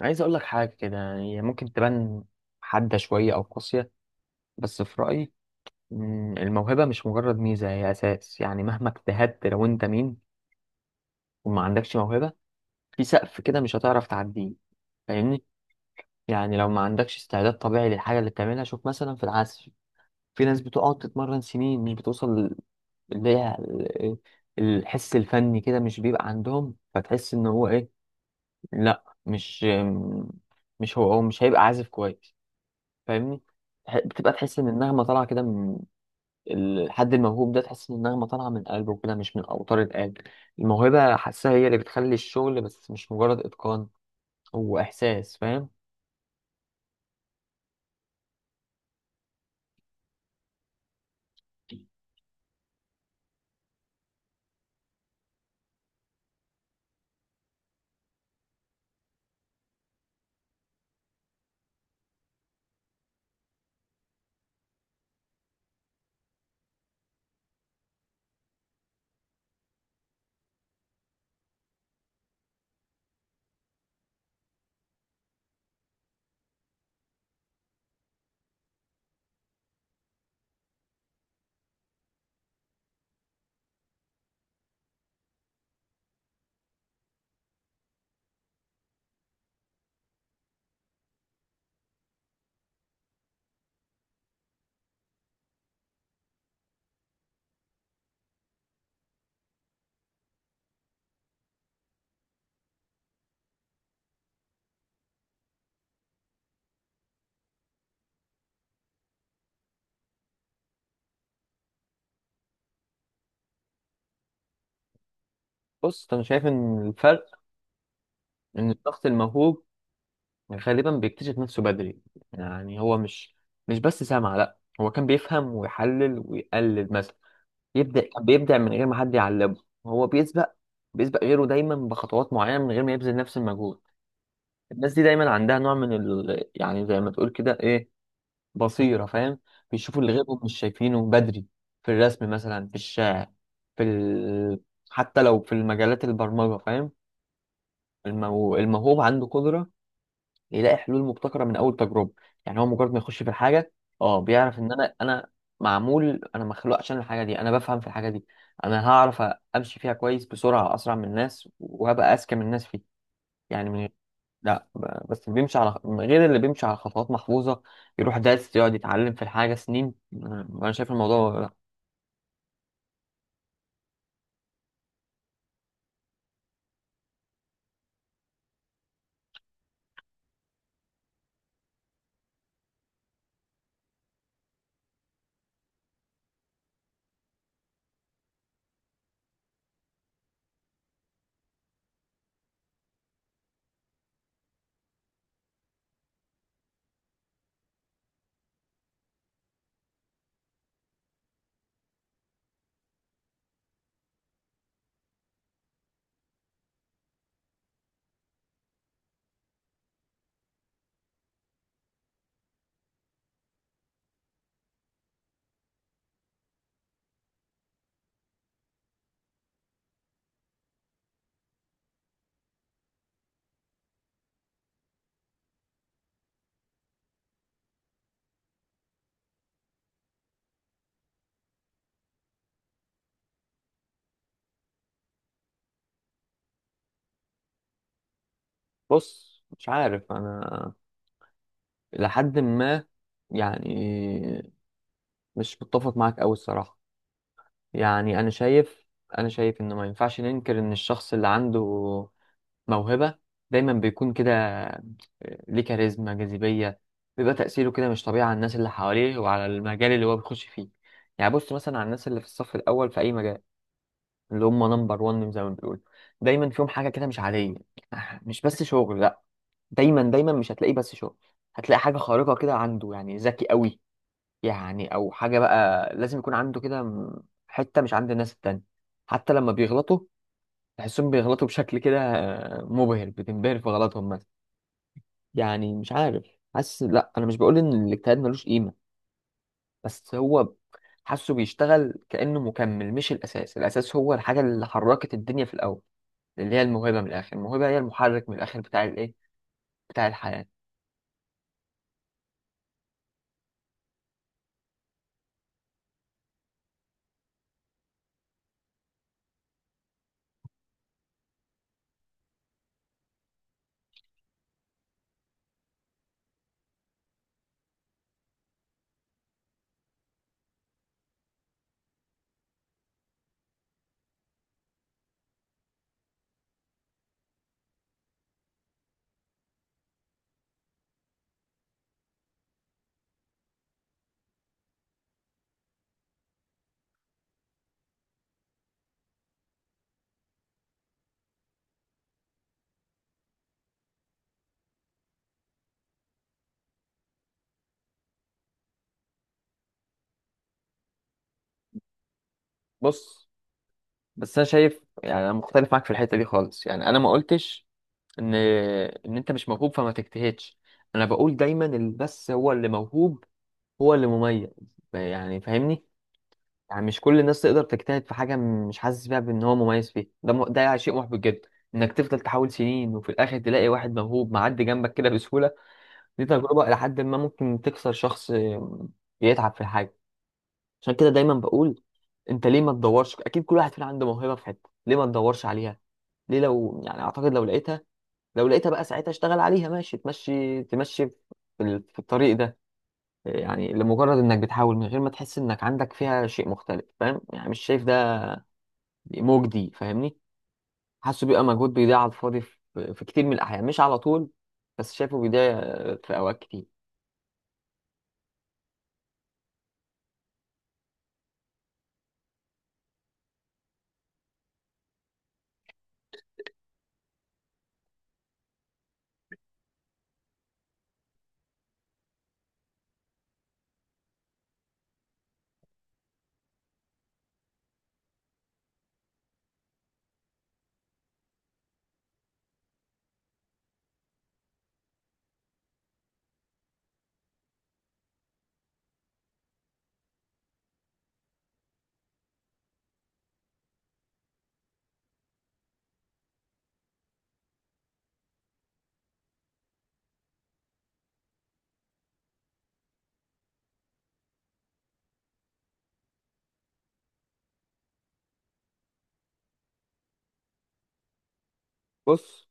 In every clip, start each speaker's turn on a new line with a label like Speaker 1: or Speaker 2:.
Speaker 1: عايز اقول لك حاجه كده، يعني هي ممكن تبان حاده شويه او قاسيه، بس في رايي. الموهبه مش مجرد ميزه، هي اساس. يعني مهما اجتهدت، لو انت مين وما عندكش موهبه، في سقف كده مش هتعرف تعديه. فاهمني؟ يعني لو ما عندكش استعداد طبيعي للحاجه اللي بتعملها. شوف مثلا في العزف، في ناس بتقعد تتمرن سنين مش بتوصل. اللي هي ال- الحس الفني كده مش بيبقى عندهم، فتحس ان هو ايه؟ لا، مش مش هو هو مش هيبقى عازف كويس. فاهمني؟ بتبقى تحس ان النغمه طالعه كده من الحد الموهوب ده، تحس ان النغمه طالعه من قلبه كده، مش من اوتار القلب. الموهبه حاسها، هي اللي بتخلي الشغل، بس مش مجرد اتقان، هو احساس. فاهم؟ بص، انا شايف ان الفرق ان الشخص الموهوب غالبا بيكتشف نفسه بدري. يعني هو مش بس سمع، لا، هو كان بيفهم ويحلل ويقلد مثلا، يبدأ كان بيبدع من غير ما حد يعلمه. هو بيسبق، غيره دايما بخطوات معينة من غير ما يبذل نفس المجهود. الناس دي دايما عندها نوع من ال... يعني زي ما تقول كده، ايه، بصيرة. فاهم؟ بيشوفوا اللي غيرهم مش شايفينه بدري، في الرسم مثلا، في الشعر، في ال... حتى لو في المجالات، البرمجة. فاهم؟ الموهوب عنده قدرة يلاقي حلول مبتكرة من أول تجربة. يعني هو مجرد ما يخش في الحاجة، اه، بيعرف إن أنا معمول، أنا مخلوق عشان الحاجة دي، أنا بفهم في الحاجة دي، أنا هعرف أمشي فيها كويس بسرعة، أسرع من الناس، وهبقى أذكى من الناس فيها. يعني من، لا، بس بيمشي على غير اللي بيمشي على خطوات محفوظة يروح دارس يقعد يتعلم في الحاجة سنين. أنا شايف الموضوع لا. بص، مش عارف، أنا لحد ما، يعني، مش متفق معاك أوي الصراحة. يعني انا شايف انا شايف انه ما ينفعش ننكر ان الشخص اللي عنده موهبة دايما بيكون كده، آه، ليه كاريزما، جاذبية، بيبقى تأثيره كده مش طبيعي على الناس اللي حواليه وعلى المجال اللي هو بيخش فيه. يعني بص مثلا على الناس اللي في الصف الأول في أي مجال، اللي هم نمبر ون زي ما بيقولوا، دايما فيهم حاجة كده مش عادية، آه، مش بس شغل، لأ، دايما مش هتلاقيه بس شغل، هتلاقي حاجة خارقة كده عنده. يعني ذكي قوي، يعني او حاجه بقى لازم يكون عنده كده، حته مش عند الناس التانية. حتى لما بيغلطوا، تحسهم بيغلطوا بشكل كده، آه، مبهر، بتنبهر في غلطهم مثلا. يعني مش عارف، حاسس، لا انا مش بقول ان الاجتهاد ملوش قيمه، بس هو حاسه بيشتغل كانه مكمل مش الاساس. الاساس هو الحاجه اللي حركت الدنيا في الاول، اللي هي الموهبه. من الاخر الموهبه هي المحرك من الاخر بتاع الايه، بتاع الحياه. بص، بس انا شايف، يعني انا مختلف معاك في الحته دي خالص. يعني انا ما قلتش ان انت مش موهوب فما تجتهدش. انا بقول دايما اللي بس هو اللي موهوب هو اللي مميز. يعني فاهمني؟ يعني مش كل الناس تقدر تجتهد في حاجه مش حاسس بيها بان هو مميز فيها. ده م... ده شيء محبط جدا انك تفضل تحاول سنين وفي الاخر تلاقي واحد موهوب معدي جنبك كده بسهوله. دي تجربه الى حد ما ممكن تكسر شخص بيتعب في الحاجه. عشان كده دايما بقول انت ليه ما تدورش؟ اكيد كل واحد فينا عنده موهبه في حته، ليه ما تدورش عليها؟ ليه؟ لو يعني اعتقد لو لقيتها، لو لقيتها بقى ساعتها اشتغل عليها ماشي، تمشي في في الطريق ده. يعني لمجرد انك بتحاول من غير ما تحس انك عندك فيها شيء مختلف، فاهم، يعني مش شايف ده مجدي. فاهمني؟ حاسه بيبقى مجهود بيضيع على الفاضي في كتير من الاحيان، مش على طول، بس شايفه بيضيع في اوقات كتير. بص،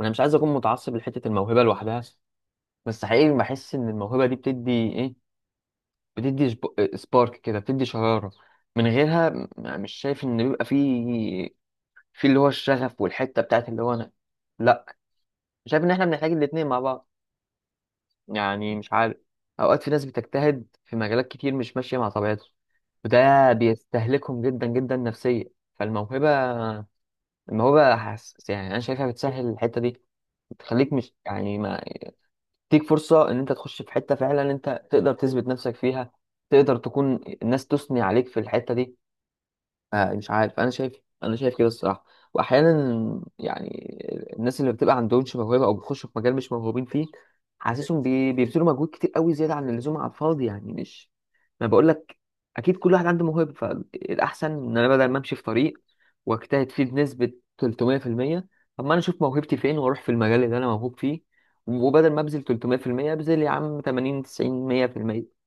Speaker 1: انا مش عايز اكون متعصب لحته الموهبه لوحدها، بس حقيقي بحس ان الموهبه دي بتدي ايه، بتدي سبارك كده، بتدي شراره. من غيرها، م- مش شايف ان بيبقى فيه في اللي هو الشغف والحته بتاعت اللي هو انا. لا، شايف ان احنا بنحتاج الاتنين مع بعض. يعني مش عارف، اوقات في ناس بتجتهد في مجالات كتير مش ماشيه مع طبيعتهم، وده بيستهلكهم جدا نفسيا. فالموهبه، الموهبه حس، يعني انا شايفها بتسهل الحته دي، بتخليك مش يعني ما، تديك فرصه ان انت تخش في حته فعلا انت تقدر تثبت نفسك فيها، تقدر تكون الناس تثني عليك في الحته دي. آه، مش عارف، انا شايف كده الصراحه. واحيانا يعني الناس اللي بتبقى عندهمش موهبه او بيخشوا في مجال مش موهوبين فيه، حاسسهم بيبذلوا مجهود كتير قوي زياده عن اللزوم على الفاضي. يعني مش، ما بقول لك، اكيد كل واحد عنده موهبه، فالاحسن ان انا بدل ما امشي في طريق واجتهد فيه بنسبه 300%، طب ما انا اشوف موهبتي فين واروح في المجال اللي انا موهوب فيه، وبدل ما ابذل 300% ابذل يا عم 80 90 100%.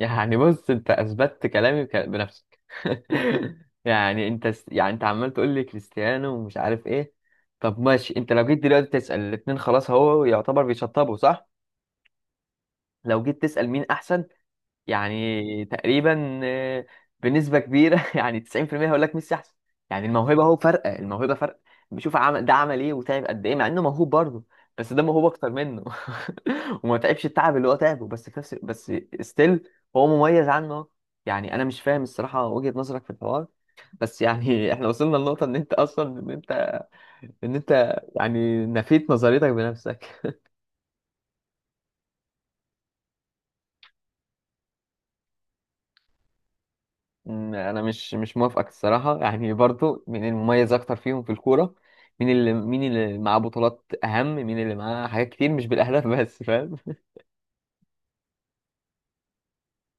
Speaker 1: يعني بص، انت اثبتت كلامي بنفسك. يعني يعني انت عمال تقول لي كريستيانو ومش عارف ايه. طب ماشي، انت لو جيت دلوقتي تسأل الاتنين خلاص هو يعتبر بيشطبوا صح؟ لو جيت تسأل مين احسن، يعني تقريبا، آه، بنسبة كبيرة، يعني 90% هيقول لك ميسي احسن. يعني الموهبة هو فرق، الموهبة فرق. بشوف عمل ده عمل ايه وتعب قد ايه، مع انه موهوب برضه، بس ده موهوب اكتر منه. وما تعبش التعب اللي هو تعبه، بس في نفس، بس ستيل هو مميز عنه. يعني انا مش فاهم الصراحة وجهة نظرك في الحوار، بس يعني احنا وصلنا لنقطة ان انت اصلا، ان انت يعني نفيت نظريتك بنفسك. انا مش موافقك الصراحه. يعني برضو مين المميز اكتر فيهم في الكوره؟ مين اللي، مين اللي معاه بطولات اهم، مين اللي معاه حاجات كتير مش بالاهداف؟ بس فاهم